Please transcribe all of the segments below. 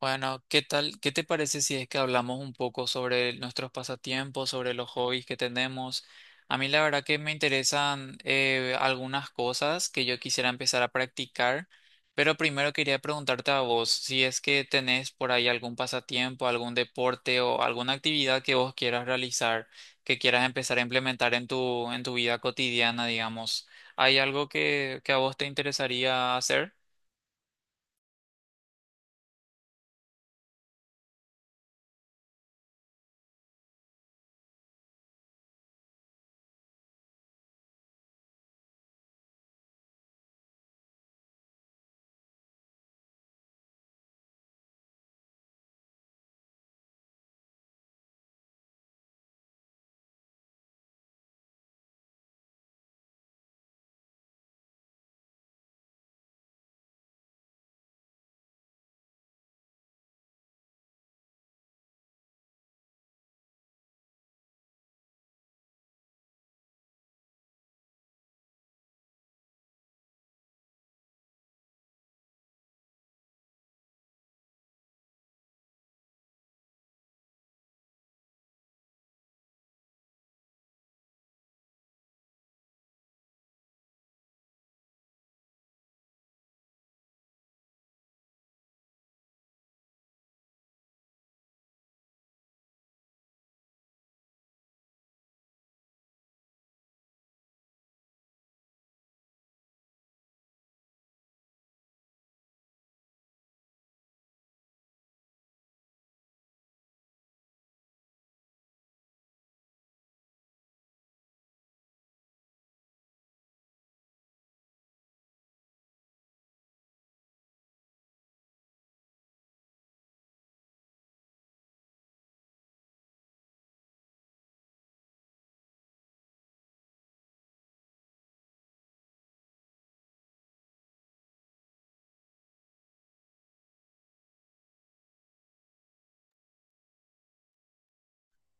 Bueno, ¿qué tal? ¿Qué te parece si es que hablamos un poco sobre nuestros pasatiempos, sobre los hobbies que tenemos? A mí la verdad que me interesan algunas cosas que yo quisiera empezar a practicar, pero primero quería preguntarte a vos si es que tenés por ahí algún pasatiempo, algún deporte o alguna actividad que vos quieras realizar, que quieras empezar a implementar en tu vida cotidiana, digamos. ¿Hay algo que a vos te interesaría hacer?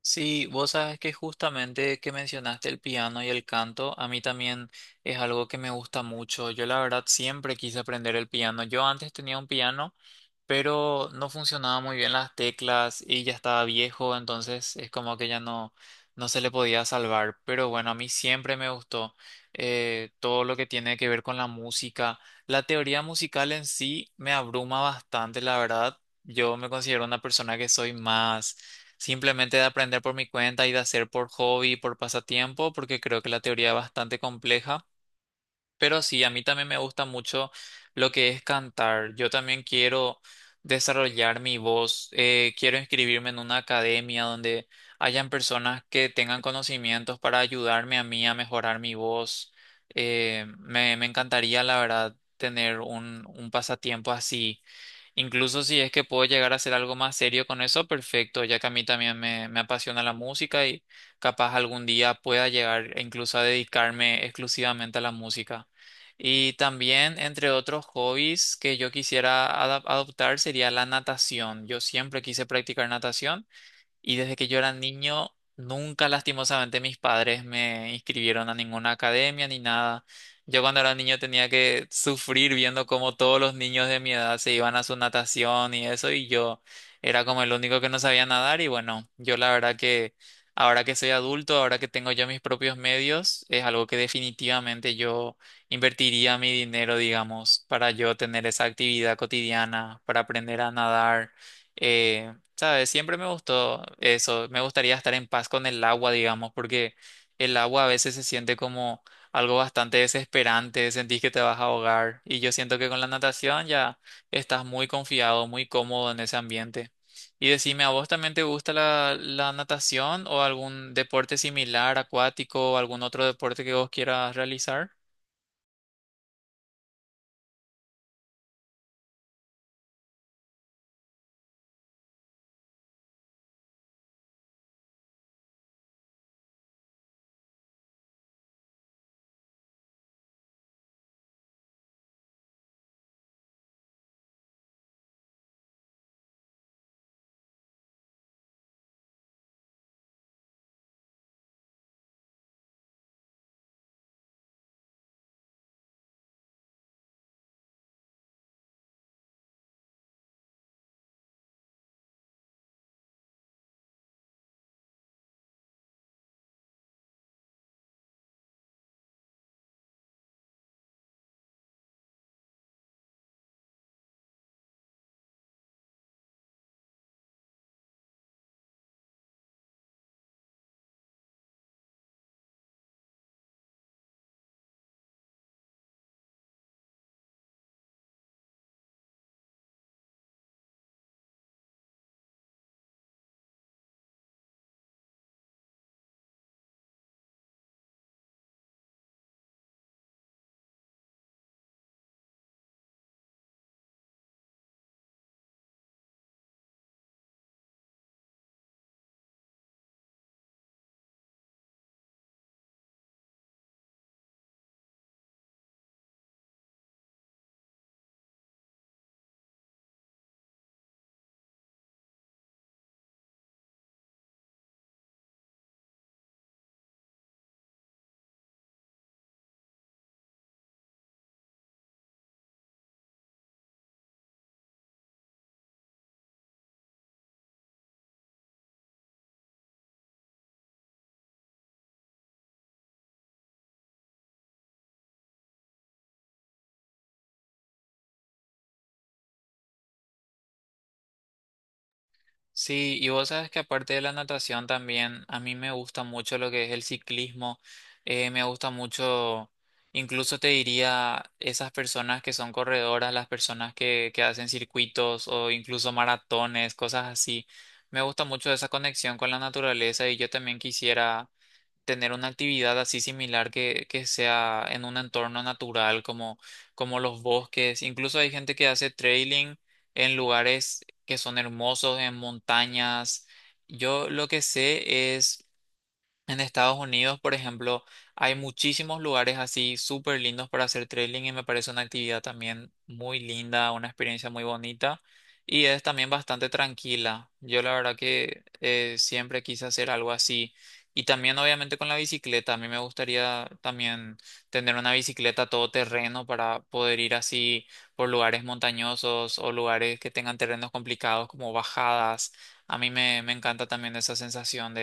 Sí, vos sabes que justamente que mencionaste el piano y el canto, a mí también es algo que me gusta mucho. Yo la verdad siempre quise aprender el piano. Yo antes tenía un piano, pero no funcionaba muy bien las teclas y ya estaba viejo, entonces es como que ya no se le podía salvar. Pero bueno, a mí siempre me gustó todo lo que tiene que ver con la música. La teoría musical en sí me abruma bastante, la verdad. Yo me considero una persona que soy más simplemente de aprender por mi cuenta y de hacer por hobby, por pasatiempo, porque creo que la teoría es bastante compleja. Pero sí, a mí también me gusta mucho lo que es cantar. Yo también quiero desarrollar mi voz. Quiero inscribirme en una academia donde hayan personas que tengan conocimientos para ayudarme a mí a mejorar mi voz. Me encantaría, la verdad, tener un pasatiempo así. Incluso si es que puedo llegar a hacer algo más serio con eso, perfecto, ya que a mí también me apasiona la música y capaz algún día pueda llegar e incluso a dedicarme exclusivamente a la música. Y también, entre otros hobbies que yo quisiera adoptar, sería la natación. Yo siempre quise practicar natación. Y desde que yo era niño, nunca lastimosamente mis padres me inscribieron a ninguna academia ni nada. Yo cuando era niño tenía que sufrir viendo cómo todos los niños de mi edad se iban a su natación y eso, y yo era como el único que no sabía nadar. Y bueno, yo la verdad que ahora que soy adulto, ahora que tengo yo mis propios medios, es algo que definitivamente yo invertiría mi dinero, digamos, para yo tener esa actividad cotidiana, para aprender a nadar. eh, ¿Sabes? Siempre me gustó eso. Me gustaría estar en paz con el agua, digamos, porque el agua a veces se siente como algo bastante desesperante, sentís que te vas a ahogar. Y yo siento que con la natación ya estás muy confiado, muy cómodo en ese ambiente. Y decime, ¿a vos también te gusta la natación o algún deporte similar, acuático, o algún otro deporte que vos quieras realizar? Sí, y vos sabes que aparte de la natación también, a mí me gusta mucho lo que es el ciclismo. Me gusta mucho, incluso te diría, esas personas que son corredoras, las personas que hacen circuitos o incluso maratones, cosas así. Me gusta mucho esa conexión con la naturaleza y yo también quisiera tener una actividad así similar que sea en un entorno natural como los bosques. Incluso hay gente que hace trailing en lugares que son hermosos, en montañas. Yo lo que sé es en Estados Unidos, por ejemplo, hay muchísimos lugares así súper lindos para hacer trailing y me parece una actividad también muy linda, una experiencia muy bonita y es también bastante tranquila. Yo la verdad que siempre quise hacer algo así, y también obviamente con la bicicleta. A mí me gustaría también tener una bicicleta todoterreno para poder ir así por lugares montañosos o lugares que tengan terrenos complicados como bajadas. A mí me encanta también esa sensación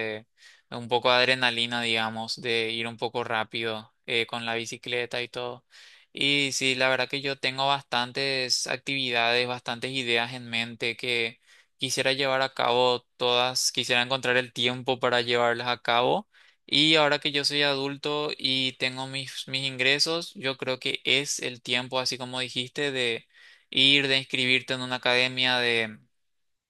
un poco de adrenalina, digamos, de ir un poco rápido con la bicicleta y todo. Y sí, la verdad que yo tengo bastantes actividades, bastantes ideas en mente que quisiera llevar a cabo todas, quisiera encontrar el tiempo para llevarlas a cabo. Y ahora que yo soy adulto y tengo mis ingresos, yo creo que es el tiempo, así como dijiste, de ir, de inscribirte en una academia,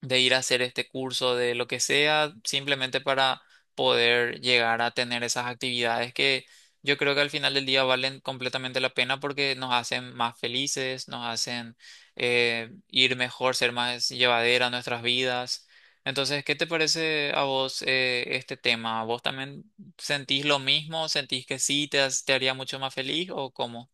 de ir a hacer este curso, de lo que sea, simplemente para poder llegar a tener esas actividades que yo creo que al final del día valen completamente la pena porque nos hacen más felices, nos hacen ir mejor, ser más llevadera nuestras vidas. Entonces, ¿qué te parece a vos este tema? ¿Vos también sentís lo mismo? ¿Sentís que sí te haría mucho más feliz o cómo?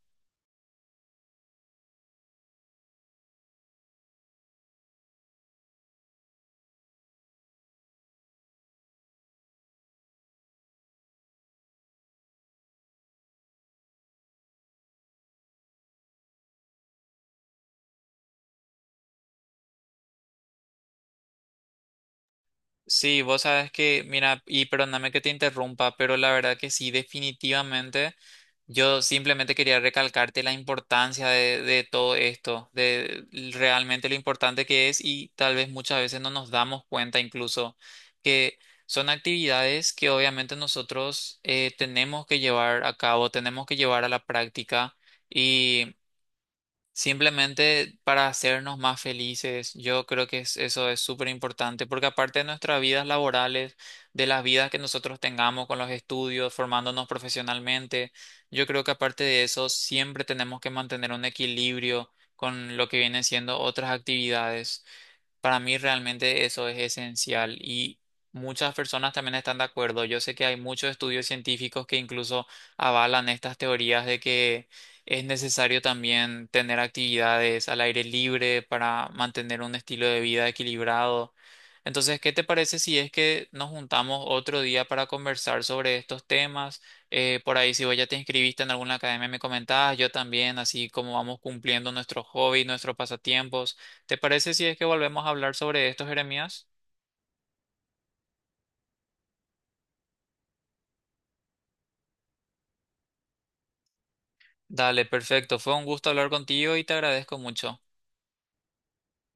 Sí, vos sabes que, mira, y perdóname que te interrumpa, pero la verdad que sí, definitivamente. Yo simplemente quería recalcarte la importancia de todo esto, de realmente lo importante que es, y tal vez muchas veces no nos damos cuenta incluso que son actividades que obviamente nosotros tenemos que llevar a cabo, tenemos que llevar a la práctica. Simplemente para hacernos más felices, yo creo eso es súper importante, porque aparte de nuestras vidas laborales, de las vidas que nosotros tengamos con los estudios, formándonos profesionalmente, yo creo que aparte de eso, siempre tenemos que mantener un equilibrio con lo que vienen siendo otras actividades. Para mí realmente eso es esencial, y muchas personas también están de acuerdo. Yo sé que hay muchos estudios científicos que incluso avalan estas teorías de que es necesario también tener actividades al aire libre para mantener un estilo de vida equilibrado. Entonces, ¿qué te parece si es que nos juntamos otro día para conversar sobre estos temas? Por ahí, si vos ya te inscribiste en alguna academia, me comentabas, yo también, así como vamos cumpliendo nuestros hobbies, nuestros pasatiempos. ¿Te parece si es que volvemos a hablar sobre esto, Jeremías? Dale, perfecto. Fue un gusto hablar contigo y te agradezco mucho.